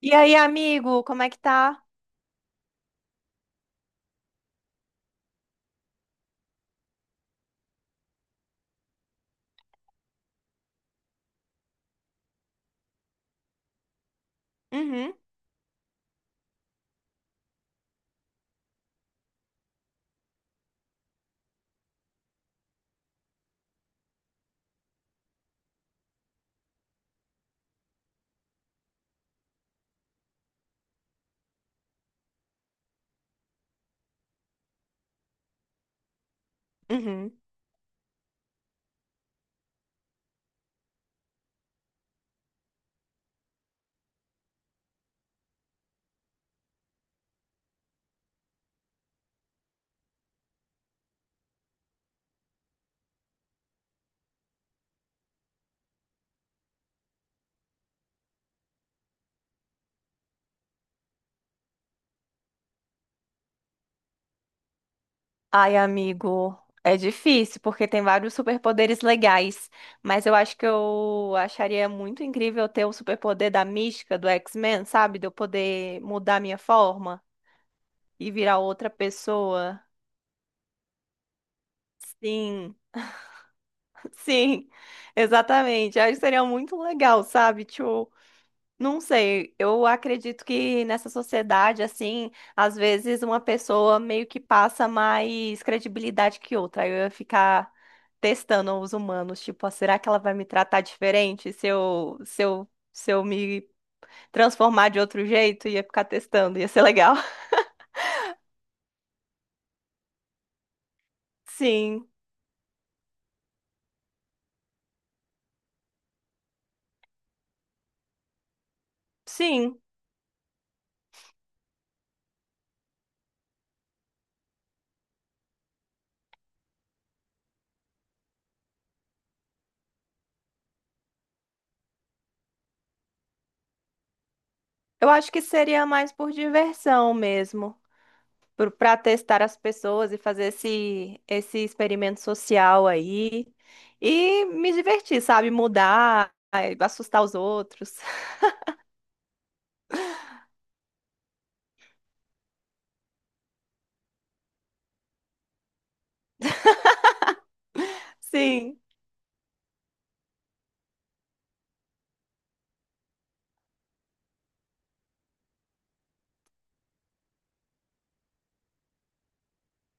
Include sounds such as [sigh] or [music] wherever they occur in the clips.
E aí, amigo, como é que tá? Uhum, uhum. Ai, amigo, é difícil porque tem vários superpoderes legais, mas eu acho que eu acharia muito incrível ter o superpoder da mística do X-Men, sabe? De eu poder mudar minha forma e virar outra pessoa. Sim, [laughs] sim, exatamente. Eu acho que seria muito legal, sabe? Tipo, não sei, eu acredito que nessa sociedade, assim, às vezes uma pessoa meio que passa mais credibilidade que outra. Aí eu ia ficar testando os humanos, tipo, ah, será que ela vai me tratar diferente se eu me transformar de outro jeito? Ia ficar testando, ia ser legal. [laughs] Sim, sim. Eu acho que seria mais por diversão mesmo, para testar as pessoas e fazer esse experimento social aí e me divertir, sabe? Mudar, ai, assustar os outros. [laughs] Sim.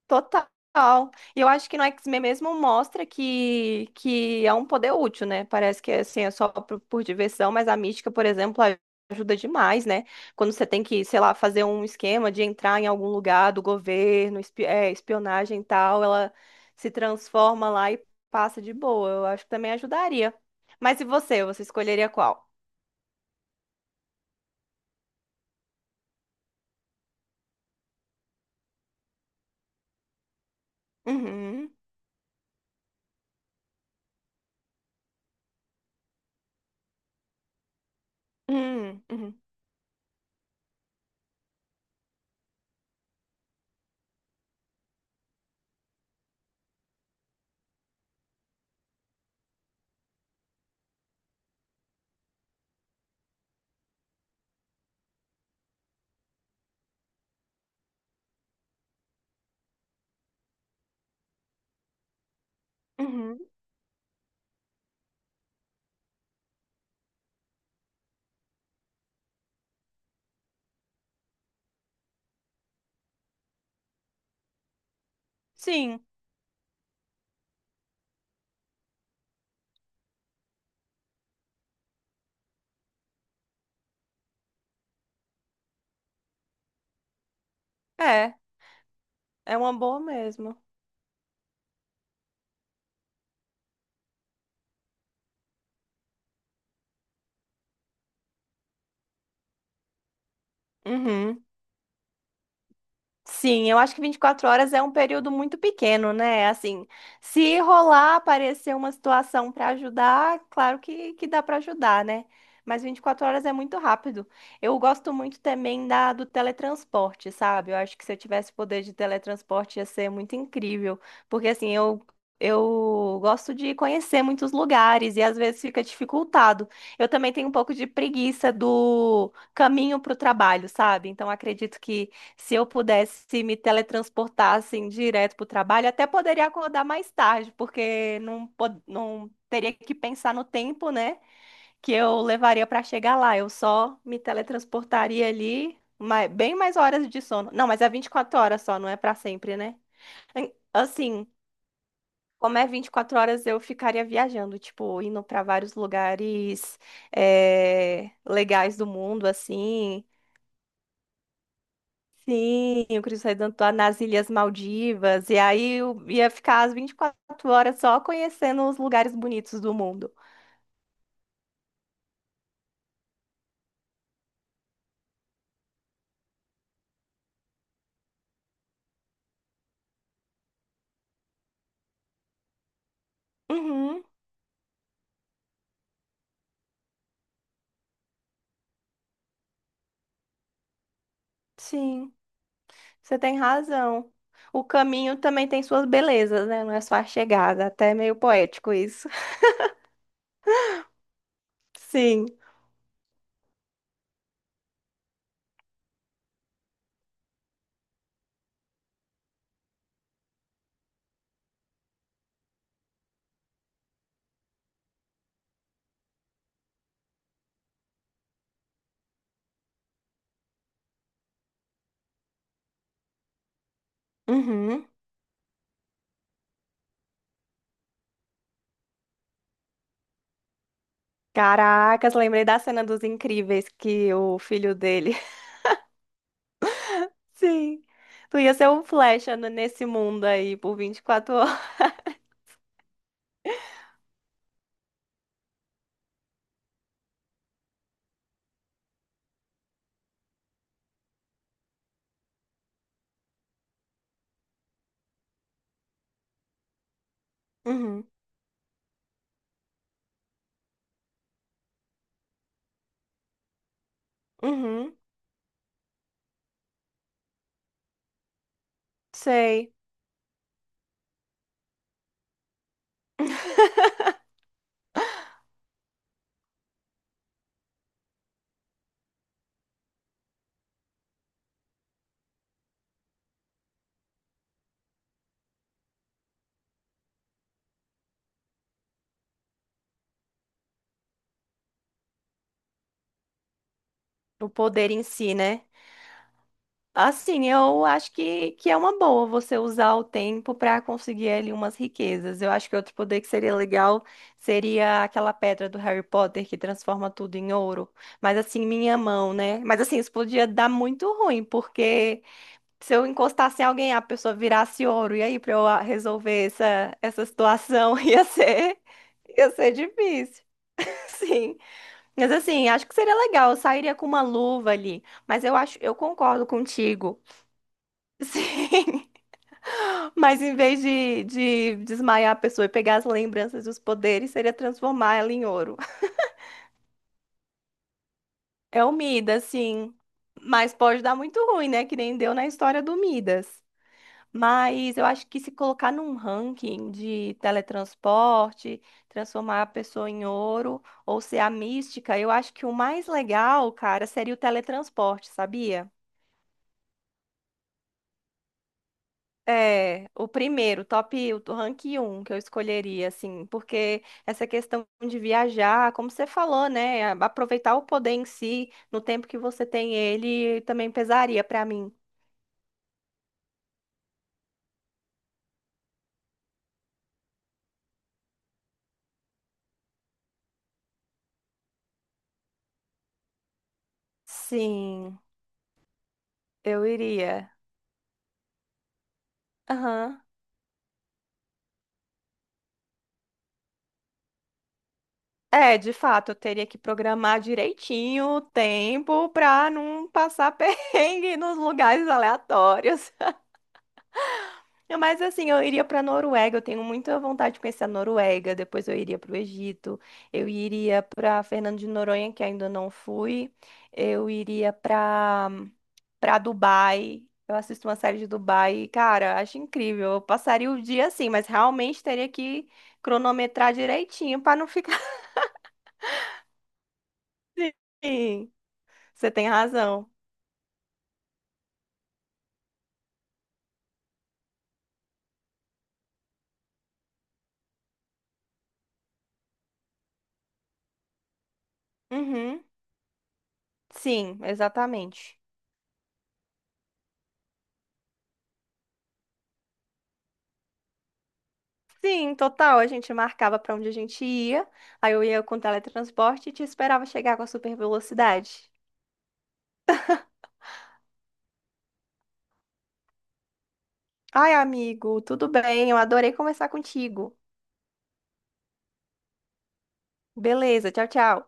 Total. E eu acho que no X-Men mesmo mostra que é um poder útil, né? Parece que assim, é só por diversão, mas a mística, por exemplo, ajuda demais, né? Quando você tem que, sei lá, fazer um esquema de entrar em algum lugar do governo, espionagem e tal, ela se transforma lá e passa de boa. Eu acho que também ajudaria. Mas e você? Você escolheria qual? Uhum. Uhum. Uhum. Uhum. Sim. É. É uma boa mesmo. Uhum. Sim, eu acho que 24 horas é um período muito pequeno, né? Assim, se rolar, aparecer uma situação para ajudar, claro que dá para ajudar, né? Mas 24 horas é muito rápido. Eu gosto muito também do teletransporte, sabe? Eu acho que se eu tivesse poder de teletransporte ia ser muito incrível. Porque, assim, eu gosto de conhecer muitos lugares e às vezes fica dificultado. Eu também tenho um pouco de preguiça do caminho para o trabalho, sabe? Então, acredito que, se eu pudesse me teletransportar assim direto para o trabalho, até poderia acordar mais tarde, porque não teria que pensar no tempo, né, que eu levaria para chegar lá. Eu só me teletransportaria ali, bem mais horas de sono. Não, mas é 24 horas só, não é para sempre, né? Assim, como é 24 horas, eu ficaria viajando, tipo, indo para vários lugares legais do mundo, assim. Sim, o Cristo Redentor nas Ilhas Maldivas. E aí eu ia ficar as 24 horas só conhecendo os lugares bonitos do mundo. Uhum, sim, você tem razão. O caminho também tem suas belezas, né? Não é só a chegada, até é meio poético isso. [laughs] Sim. Uhum. Caracas, lembrei da cena dos Incríveis que o filho dele. [laughs] Sim. Tu ia ser um flecha nesse mundo aí por 24 horas. Uhum. Uhum. Sei. [laughs] O poder em si, né? Assim, eu acho que é uma boa você usar o tempo para conseguir ali umas riquezas. Eu acho que outro poder que seria legal seria aquela pedra do Harry Potter que transforma tudo em ouro. Mas assim, minha mão, né? Mas assim, isso podia dar muito ruim, porque se eu encostasse em alguém, a pessoa virasse ouro. E aí, para eu ah, resolver essa situação, [laughs] ia ser difícil. [laughs] Sim. Mas assim, acho que seria legal, eu sairia com uma luva ali. Mas eu acho, eu concordo contigo. [laughs] Sim. Mas em vez de desmaiar a pessoa e pegar as lembranças dos poderes, seria transformar ela em ouro. É o Midas, sim. Mas pode dar muito ruim, né? Que nem deu na história do Midas. Mas eu acho que se colocar num ranking de teletransporte, transformar a pessoa em ouro ou ser a mística, eu acho que o mais legal, cara, seria o teletransporte, sabia? É, o primeiro, top, o rank um que eu escolheria, assim, porque essa questão de viajar, como você falou, né, a- aproveitar o poder em si, no tempo que você tem ele, também pesaria pra mim. Sim, eu iria. Aham. É, de fato, eu teria que programar direitinho o tempo pra não passar [laughs] perrengue nos lugares aleatórios. É. Mas assim, eu iria para Noruega, eu tenho muita vontade de conhecer a Noruega, depois eu iria para o Egito, eu iria para Fernando de Noronha, que ainda não fui, eu iria para Dubai. Eu assisto uma série de Dubai, e, cara, acho incrível. Eu passaria o dia assim, mas realmente teria que cronometrar direitinho para não ficar [laughs] assim. Você tem razão. Uhum. Sim, exatamente. Sim, total. A gente marcava pra onde a gente ia, aí eu ia com teletransporte e te esperava chegar com a super velocidade. Ai, amigo, tudo bem? Eu adorei conversar contigo. Beleza, tchau, tchau.